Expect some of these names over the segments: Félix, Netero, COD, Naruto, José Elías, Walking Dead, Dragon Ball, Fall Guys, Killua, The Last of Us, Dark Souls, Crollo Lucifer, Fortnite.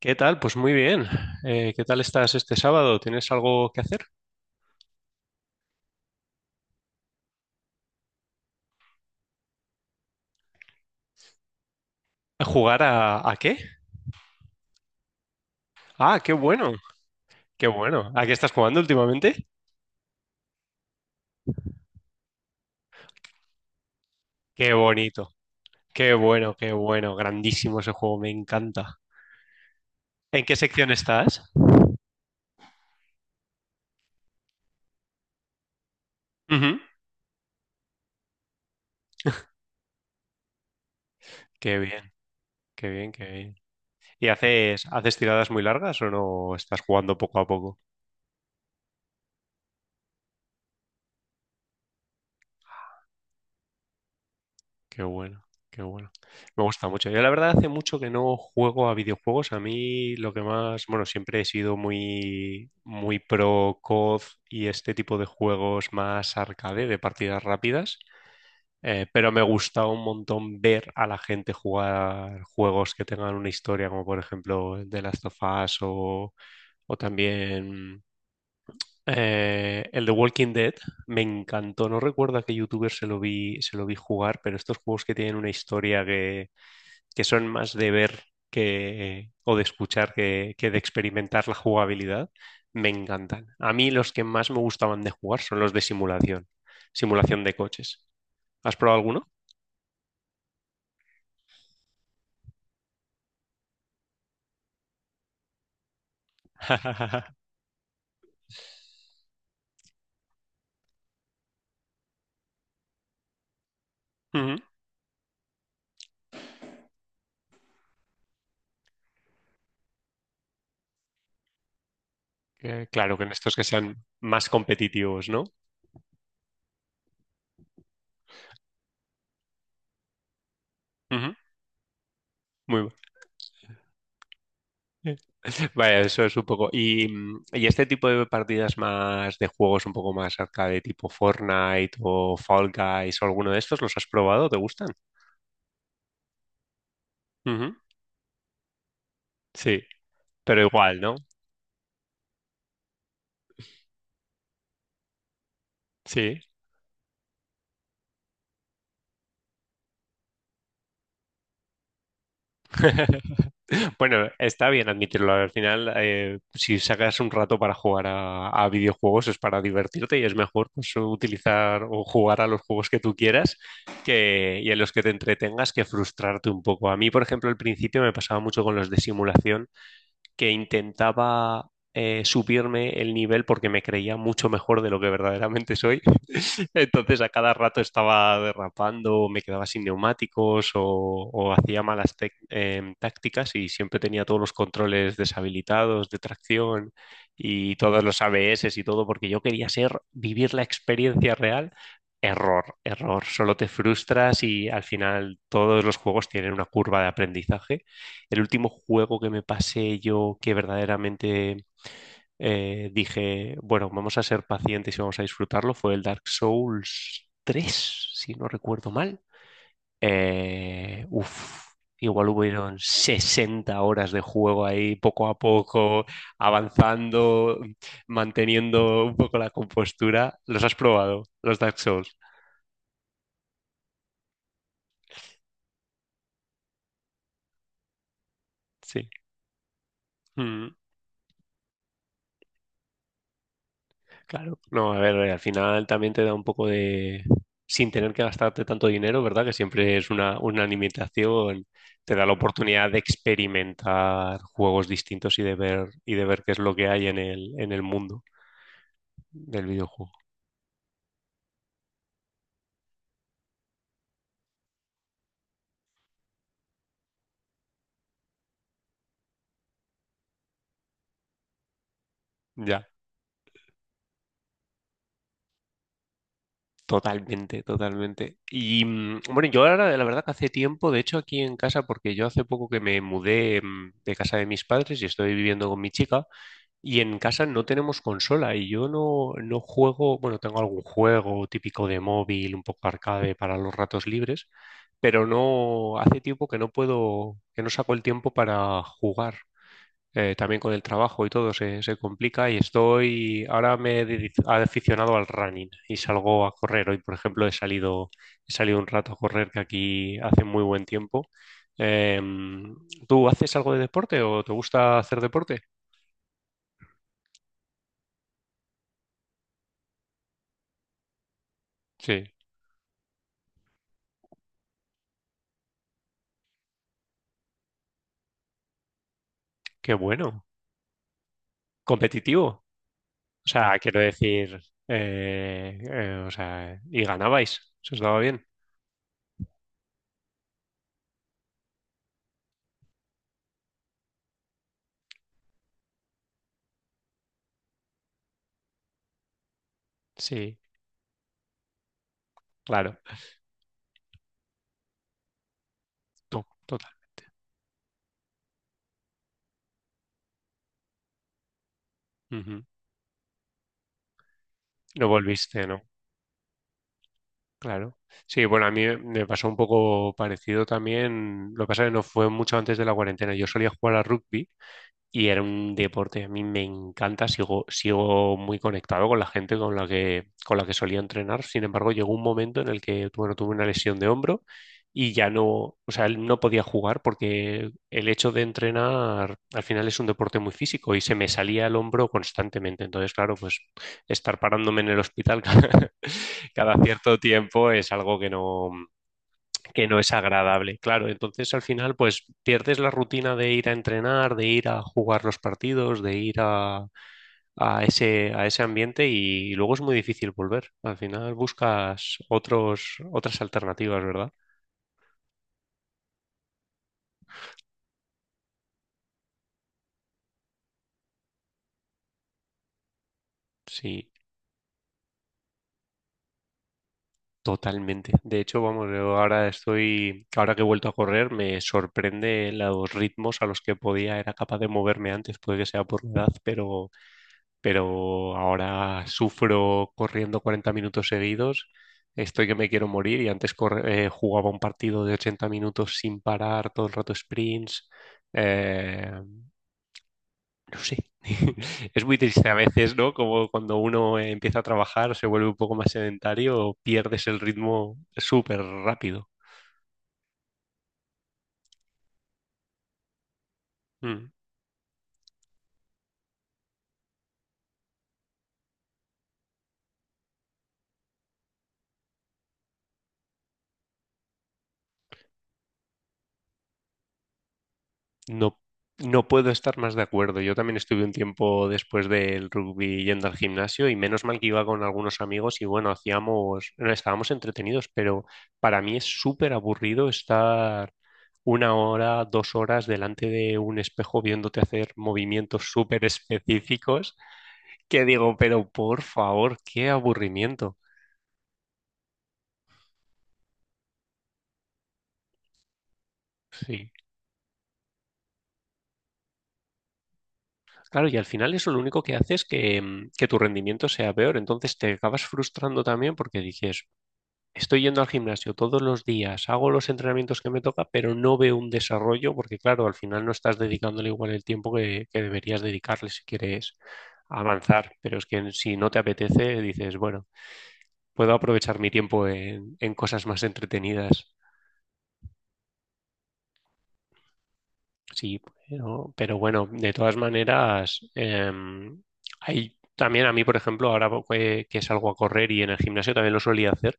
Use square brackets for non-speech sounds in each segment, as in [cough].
¿Qué tal? Pues muy bien. ¿Qué tal estás este sábado? ¿Tienes algo que hacer? ¿Jugar a qué? Ah, qué bueno, qué bueno. ¿A qué estás jugando últimamente? Qué bonito, qué bueno, qué bueno. Grandísimo ese juego, me encanta. ¿En qué sección estás? Ujú. Qué bien, qué bien, qué bien. ¿Y haces tiradas muy largas o no estás jugando poco a poco? Qué bueno, qué bueno. Me gusta mucho. Yo la verdad hace mucho que no juego a videojuegos. A mí lo que más, bueno, siempre he sido muy, muy pro COD y este tipo de juegos más arcade, de partidas rápidas. Pero me gusta un montón ver a la gente jugar juegos que tengan una historia, como por ejemplo The Last of Us o también el de Walking Dead me encantó. No recuerdo a qué youtuber se lo vi jugar, pero estos juegos que tienen una historia que son más de ver que, o de escuchar que de experimentar la jugabilidad, me encantan. A mí los que más me gustaban de jugar son los de simulación, simulación de coches. ¿Has probado alguno? [laughs] Ujú. Claro, que en estos que sean más competitivos, ¿no? Ujú. Muy bueno. [laughs] Vaya, eso es un poco. Y, y este tipo de partidas más de juegos un poco más arcade, tipo Fortnite o Fall Guys o alguno de estos, ¿los has probado? ¿Te gustan? Ujú. Sí, pero igual, ¿no? Sí. [laughs] Bueno, está bien admitirlo. Al final, si sacas un rato para jugar a videojuegos es para divertirte y es mejor pues, utilizar o jugar a los juegos que tú quieras que, y en los que te entretengas que frustrarte un poco. A mí, por ejemplo, al principio me pasaba mucho con los de simulación que intentaba subirme el nivel porque me creía mucho mejor de lo que verdaderamente soy. [laughs] Entonces a cada rato estaba derrapando, me quedaba sin neumáticos o hacía malas tácticas y siempre tenía todos los controles deshabilitados de tracción y todos los ABS y todo porque yo quería ser, vivir la experiencia real. Error, error. Solo te frustras y al final todos los juegos tienen una curva de aprendizaje. El último juego que me pasé yo que verdaderamente dije, bueno, vamos a ser pacientes y vamos a disfrutarlo, fue el Dark Souls 3 si no recuerdo mal. Eh, uf, igual hubieron 60 horas de juego ahí, poco a poco, avanzando, manteniendo un poco la compostura. ¿Los has probado, los Dark Souls? Sí. Mm. Claro. No, a ver, al final también te da un poco de... Sin tener que gastarte tanto dinero, ¿verdad? Que siempre es una limitación, te da la oportunidad de experimentar juegos distintos y de ver qué es lo que hay en el mundo del videojuego. Ya, totalmente, totalmente. Y bueno, yo ahora, la verdad que hace tiempo, de hecho aquí en casa, porque yo hace poco que me mudé de casa de mis padres y estoy viviendo con mi chica. Y en casa no tenemos consola y yo no, no juego, bueno, tengo algún juego típico de móvil, un poco arcade para los ratos libres, pero no, hace tiempo que no puedo, que no saco el tiempo para jugar. También con el trabajo y todo se, se complica y estoy, ahora me he aficionado al running y salgo a correr. Hoy, por ejemplo, he salido un rato a correr que aquí hace muy buen tiempo. Em, ¿Tú haces algo de deporte o te gusta hacer deporte? Sí, qué bueno. Competitivo. O sea, quiero decir, o sea, y ganabais, se os daba bien. Sí, claro, totalmente. Ujú. Lo volviste, ¿no? Claro. Sí, bueno, a mí me pasó un poco parecido también. Lo que pasa es que no fue mucho antes de la cuarentena. Yo solía jugar a rugby. Y era un deporte que a mí me encanta, sigo, sigo muy conectado con la gente con la con la que solía entrenar. Sin embargo, llegó un momento en el que, bueno, tuve una lesión de hombro y ya no, o sea, él no podía jugar porque el hecho de entrenar al final es un deporte muy físico y se me salía el hombro constantemente. Entonces, claro, pues estar parándome en el hospital [laughs] cada, cada cierto tiempo es algo que no es agradable, claro. Entonces al final pues pierdes la rutina de ir a entrenar, de ir a jugar los partidos, de ir a ese ambiente y, luego es muy difícil volver. Al final buscas otros, otras alternativas, ¿verdad? Sí, totalmente. De hecho, vamos, yo ahora estoy, ahora que he vuelto a correr, me sorprende los ritmos a los que podía, era capaz de moverme antes, puede que sea por la edad, pero ahora sufro corriendo 40 minutos seguidos, estoy que me quiero morir y antes jugaba un partido de 80 minutos sin parar, todo el rato sprints. eh, no sé, [laughs] es muy triste a veces, ¿no? Como cuando uno empieza a trabajar, se vuelve un poco más sedentario, pierdes el ritmo súper rápido. Mm. No, no puedo estar más de acuerdo. Yo también estuve un tiempo después del rugby yendo al gimnasio y menos mal que iba con algunos amigos y bueno, hacíamos, estábamos entretenidos, pero para mí es súper aburrido estar una hora, dos horas delante de un espejo viéndote hacer movimientos súper específicos que digo, pero por favor, qué aburrimiento. Sí. Claro, y al final eso lo único que hace es que tu rendimiento sea peor. Entonces te acabas frustrando también porque dices, estoy yendo al gimnasio todos los días, hago los entrenamientos que me toca, pero no veo un desarrollo porque, claro, al final no estás dedicándole igual el tiempo que deberías dedicarle si quieres avanzar. Pero es que si no te apetece, dices, bueno, puedo aprovechar mi tiempo en cosas más entretenidas. Sí, pero bueno, de todas maneras, hay también a mí, por ejemplo, ahora que salgo a correr y en el gimnasio también lo solía hacer.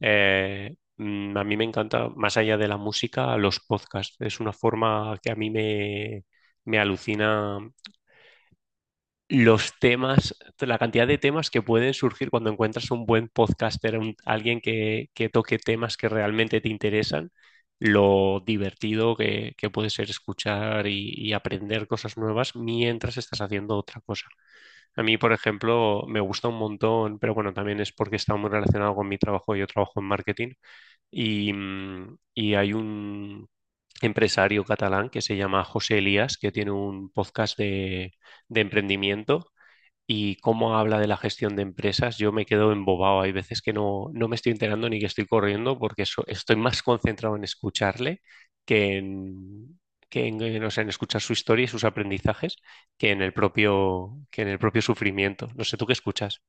A mí me encanta, más allá de la música, los podcasts. Es una forma que a me alucina los temas, la cantidad de temas que pueden surgir cuando encuentras un buen podcaster, alguien que toque temas que realmente te interesan, lo divertido que puede ser escuchar y aprender cosas nuevas mientras estás haciendo otra cosa. A mí, por ejemplo, me gusta un montón, pero bueno, también es porque está muy relacionado con mi trabajo. Yo trabajo en marketing y hay un empresario catalán que se llama José Elías, que tiene un podcast de emprendimiento y cómo habla de la gestión de empresas, yo me quedo embobado. Hay veces que no, no me estoy enterando ni que estoy corriendo porque estoy más concentrado en escucharle que en... o sea, en escuchar su historia y sus aprendizajes que en el propio, que en el propio sufrimiento. No sé, ¿tú qué escuchas?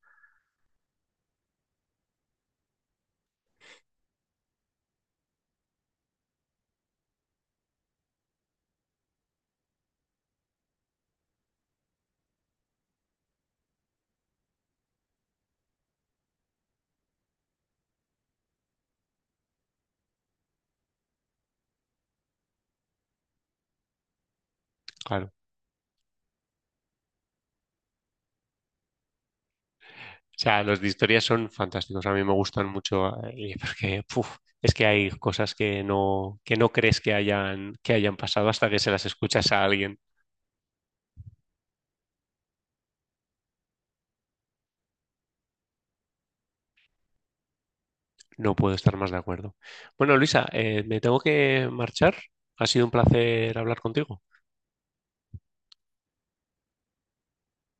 Claro. O sea, los de historia son fantásticos, a mí me gustan mucho porque puf, es que hay cosas que no crees que hayan pasado hasta que se las escuchas a alguien. No puedo estar más de acuerdo. Bueno, Luisa, me tengo que marchar. Ha sido un placer hablar contigo.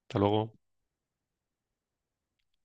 Hasta luego.